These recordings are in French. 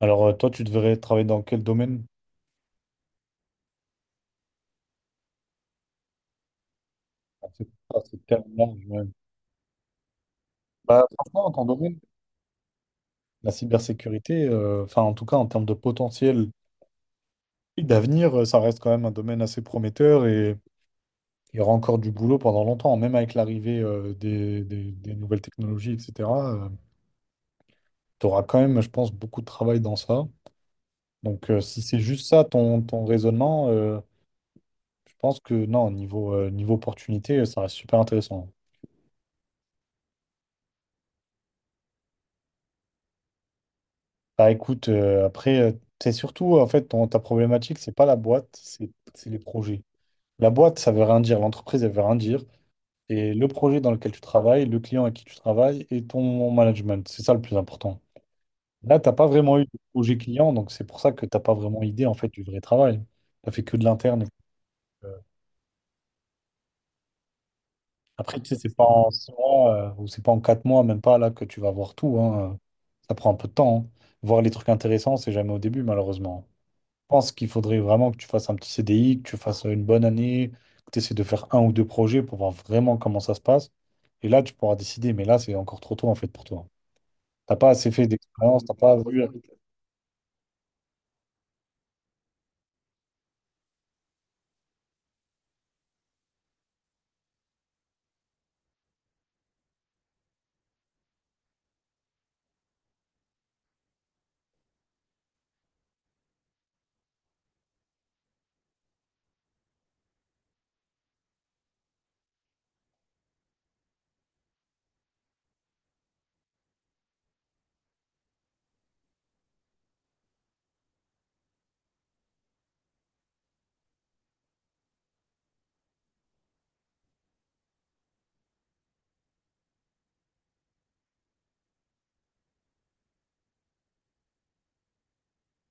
Alors, toi, tu devrais travailler dans quel domaine? Ah, c'est tellement large, ouais. Bah, franchement, ton domaine, la cybersécurité, enfin, en tout cas, en termes de potentiel et d'avenir, ça reste quand même un domaine assez prometteur. Et il y aura encore du boulot pendant longtemps, même avec l'arrivée des nouvelles technologies, etc. Tu auras quand même, je pense, beaucoup de travail dans ça. Donc, si c'est juste ça ton raisonnement, je pense que non, niveau opportunité, ça reste super intéressant. Bah écoute, après, c'est surtout, en fait, ta problématique, c'est pas la boîte, c'est les projets. La boîte, ça veut rien dire, l'entreprise, elle veut rien dire. Et le projet dans lequel tu travailles, le client avec qui tu travailles et ton management, c'est ça le plus important. Là, t'as pas vraiment eu de projet client, donc c'est pour ça que t'as pas vraiment idée en fait du vrai travail. T'as fait que de l'interne. Que- Après, tu sais, c'est pas en 6 mois ou c'est pas en 4 mois, même pas là que tu vas voir tout, hein. Ça prend un peu de temps, hein. Voir les trucs intéressants, c'est jamais au début, malheureusement. Je pense qu'il faudrait vraiment que tu fasses un petit CDI, que tu fasses une bonne année, que tu essaies de faire un ou deux projets pour voir vraiment comment ça se passe. Et là, tu pourras décider. Mais là, c'est encore trop tôt en fait pour toi. T'as pas assez fait d'expérience, t'as pas vu.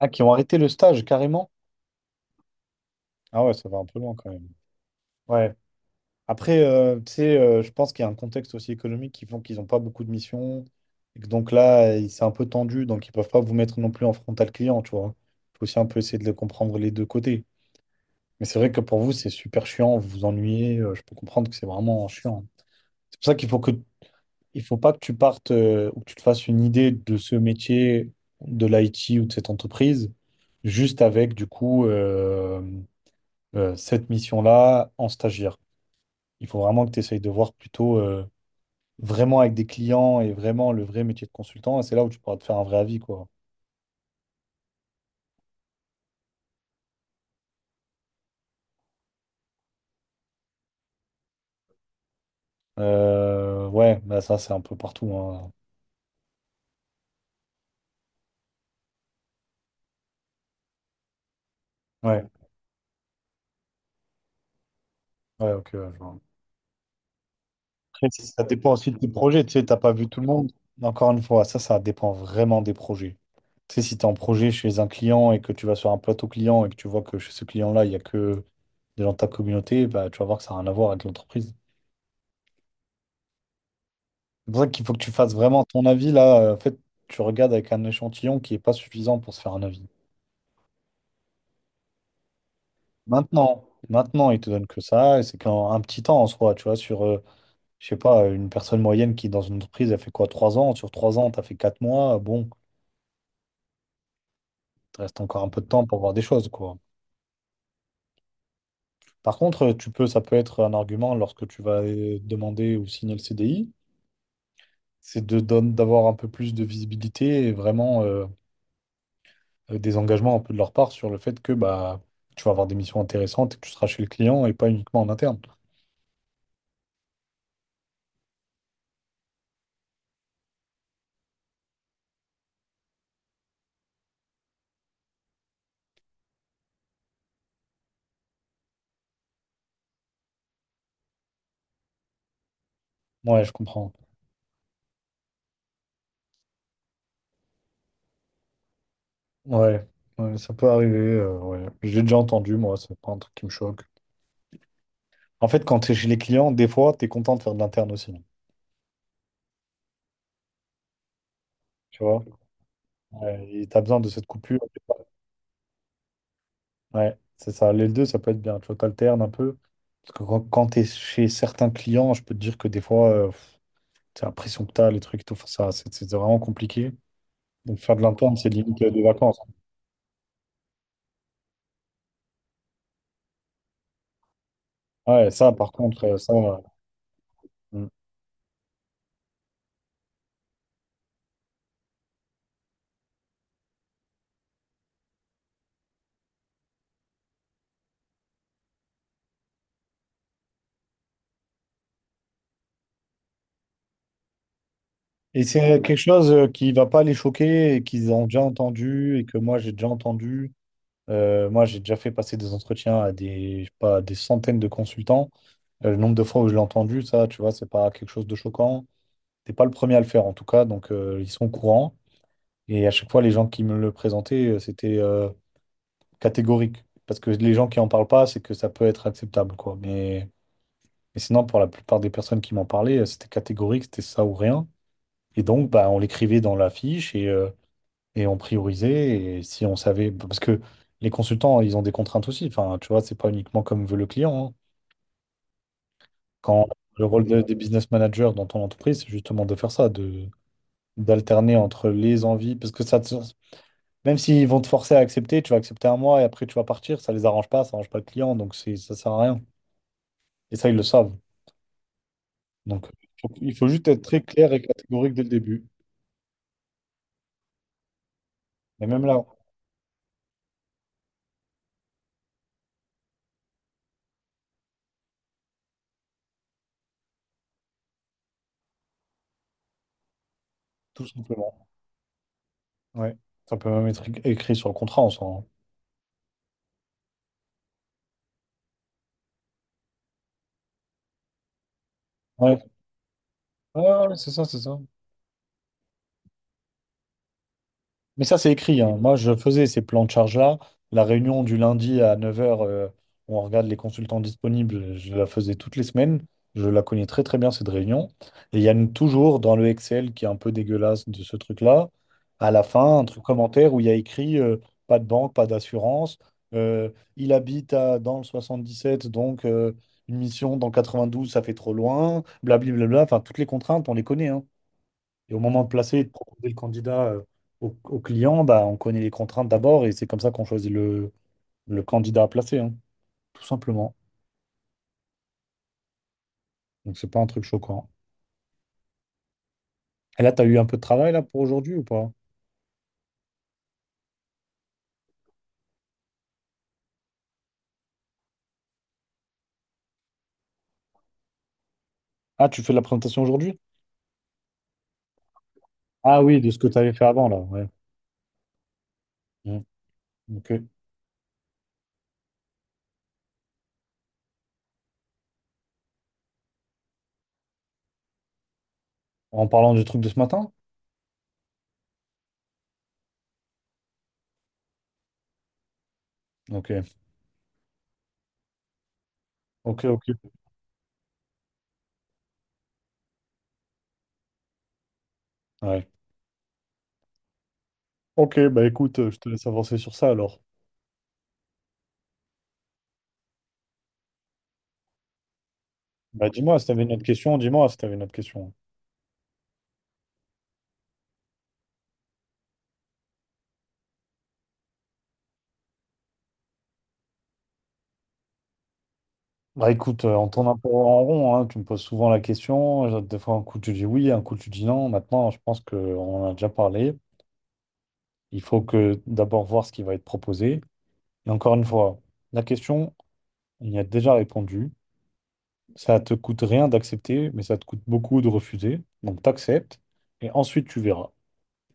Ah, qui ont arrêté le stage carrément? Ah ouais, ça va un peu loin quand même. Ouais. Après, tu sais, je pense qu'il y a un contexte aussi économique qui font qu'ils n'ont pas beaucoup de missions. Et que donc là, c'est un peu tendu, donc ils peuvent pas vous mettre non plus en frontal client, tu vois. Il faut aussi un peu essayer de le comprendre les deux côtés. Mais c'est vrai que pour vous, c'est super chiant, vous vous ennuyez, je peux comprendre que c'est vraiment chiant. C'est pour ça qu'il faut pas que tu partes ou que tu te fasses une idée de ce métier, de l'IT ou de cette entreprise, juste avec du coup, cette mission-là en stagiaire. Il faut vraiment que tu essayes de voir plutôt, vraiment avec des clients et vraiment le vrai métier de consultant. Et c'est là où tu pourras te faire un vrai avis, quoi. Ouais, bah ça, c'est un peu partout, hein. Ouais, ouais, ok. Ouais, je vois. Après, ça dépend aussi de tes projets. Tu sais, t'as pas vu tout le monde. Encore une fois, ça dépend vraiment des projets. Tu sais, si tu es en projet chez un client et que tu vas sur un plateau client et que tu vois que chez ce client-là, il n'y a que des gens de ta communauté, bah, tu vas voir que ça n'a rien à voir avec l'entreprise. C'est pour ça qu'il faut que tu fasses vraiment ton avis là. En fait, tu regardes avec un échantillon qui n'est pas suffisant pour se faire un avis. Maintenant, maintenant, il te donne que ça, et c'est qu'un petit temps en soi, tu vois, sur, je sais pas, une personne moyenne qui, dans une entreprise, elle fait quoi, 3 ans? Sur trois ans, t'as fait 4 mois, bon, il te reste encore un peu de temps pour voir des choses, quoi. Par contre, tu peux, ça peut être un argument lorsque tu vas demander ou signer le CDI, c'est de d'avoir un peu plus de visibilité et vraiment, des engagements un peu de leur part sur le fait que bah, tu vas avoir des missions intéressantes et que tu seras chez le client et pas uniquement en interne. Ouais, je comprends. Ouais, ouais, ça peut arriver, ouais. J'ai déjà entendu, moi, c'est pas un truc qui me choque. En fait, quand tu es chez les clients, des fois, tu es content de faire de l'interne aussi. Tu vois? Ouais, et t'as besoin de cette coupure. Ouais, c'est ça. Les deux, ça peut être bien. Tu vois, t'alternes un peu. Parce que quand t'es chez certains clients, je peux te dire que des fois, pff, t'as l'impression que t'as les trucs et tout. Enfin, ça, c'est vraiment compliqué. Donc, faire de l'interne, c'est limite, des vacances. Ouais, ça, par contre, ça. Mm. Et c'est quelque chose, qui va pas les choquer et qu'ils ont déjà entendu et que moi, j'ai déjà entendu. Moi, j'ai déjà fait passer des entretiens à des, je sais pas, à des centaines de consultants. Le nombre de fois où je l'ai entendu, ça, tu vois, c'est pas quelque chose de choquant. T'es pas le premier à le faire en tout cas, donc, ils sont au courant. Et à chaque fois, les gens qui me le présentaient, c'était, catégorique. Parce que les gens qui en parlent pas, c'est que ça peut être acceptable, quoi. Mais sinon, pour la plupart des personnes qui m'en parlaient, c'était catégorique, c'était ça ou rien. Et donc, bah, on l'écrivait dans la fiche et on priorisait. Et si on savait, parce que les consultants, ils ont des contraintes aussi. Enfin, tu vois, c'est pas uniquement comme veut le client, hein. Quand le rôle des business managers dans ton entreprise, c'est justement de faire ça, de d'alterner entre les envies, parce que ça. Même s'ils vont te forcer à accepter, tu vas accepter 1 mois et après tu vas partir, ça les arrange pas, ça arrange pas le client, donc ça sert à rien. Et ça, ils le savent. Donc, il faut juste être très clair et catégorique dès le début. Et même là, tout simplement. Ouais. Ça peut même être écrit sur le contrat en soi, hein. Ouais. Ouais, ouais, ouais, c'est ça, c'est ça. Mais ça, c'est écrit, hein. Moi, je faisais ces plans de charge-là. La réunion du lundi à 9 heures, où on regarde les consultants disponibles, je la faisais toutes les semaines. Je la connais très, très bien, cette réunion. Et il y a toujours dans le Excel qui est un peu dégueulasse de ce truc-là, à la fin, un truc commentaire où il y a écrit, pas de banque, pas d'assurance. Euh, il habite dans le 77, donc, une mission dans 92, ça fait trop loin. Blablabla. Enfin, toutes les contraintes, on les connaît, hein. Et au moment de placer et de proposer le candidat, au client, bah, on connaît les contraintes d'abord et c'est comme ça qu'on choisit le candidat à placer, hein, tout simplement. Donc c'est pas un truc choquant. Et là, tu as eu un peu de travail là pour aujourd'hui ou pas? Ah, tu fais la présentation aujourd'hui? Ah oui, de ce que tu avais fait avant là, ouais. Mm, ok. En parlant du truc de ce matin? Ok, ok, ok. Ouais. Ok, bah écoute, je te laisse avancer sur ça alors. Bah dis-moi si t'avais une autre question, dis-moi si t'avais une autre question. Bah écoute, on tourne un peu en rond, hein. Tu me poses souvent la question. Des fois, un coup, tu dis oui, un coup, tu dis non. Maintenant, je pense qu'on en a déjà parlé. Il faut que d'abord voir ce qui va être proposé. Et encore une fois, la question, on y a déjà répondu. Ça te coûte rien d'accepter, mais ça te coûte beaucoup de refuser. Donc, t'acceptes et ensuite, tu verras.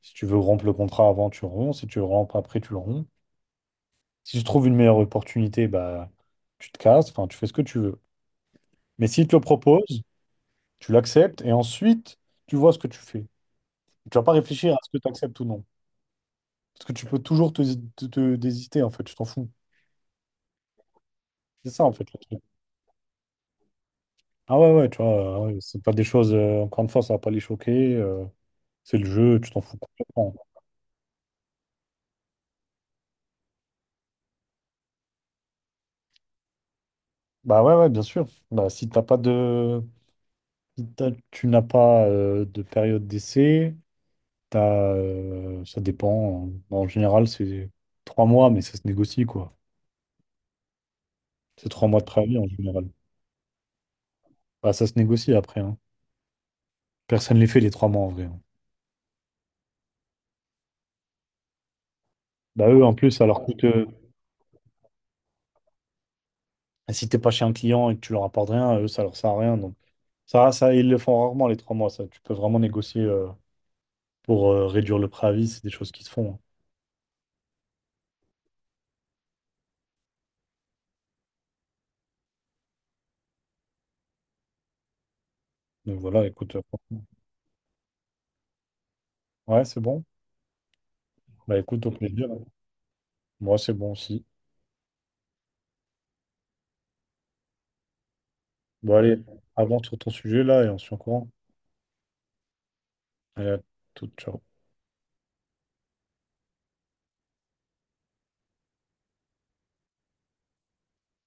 Si tu veux rompre le contrat avant, tu romps. Si tu le rompes après, tu le romps. Si tu trouves une meilleure opportunité, bah, tu te casses. Enfin, tu fais ce que tu veux. Mais s'il te le propose, tu l'acceptes et ensuite, tu vois ce que tu fais. Tu vas pas réfléchir à ce que tu acceptes ou non. Parce que tu peux toujours te désister, en fait. Tu t'en fous. C'est ça, en fait, le truc. Ah ouais, ouais, tu vois, ouais, c'est pas des choses, encore une fois, ça va pas les choquer, c'est le jeu, tu t'en fous complètement. Bah ouais, ouais, bien sûr. Bah, si t'as pas de. Si t'as- tu n'as pas de période d'essai, t'as, ça dépend. En général, c'est 3 mois, mais ça se négocie, quoi. C'est trois mois de préavis en général. Bah, ça se négocie après, hein. Personne ne les fait les 3 mois en vrai. Bah eux, en plus, ça leur coûte, si t'es pas chez un client et que tu leur apportes rien, eux, ça leur sert à rien. Donc ça, ils le font rarement les 3 mois. Ça, tu peux vraiment négocier, pour, réduire le préavis. C'est des choses qui se font, hein. Donc voilà, écoute, ouais, c'est bon. Bah écoute, au plaisir. Moi, c'est bon aussi. Bon, allez, avance sur ton sujet là et on se tient au courant. Allez, à toute, ciao.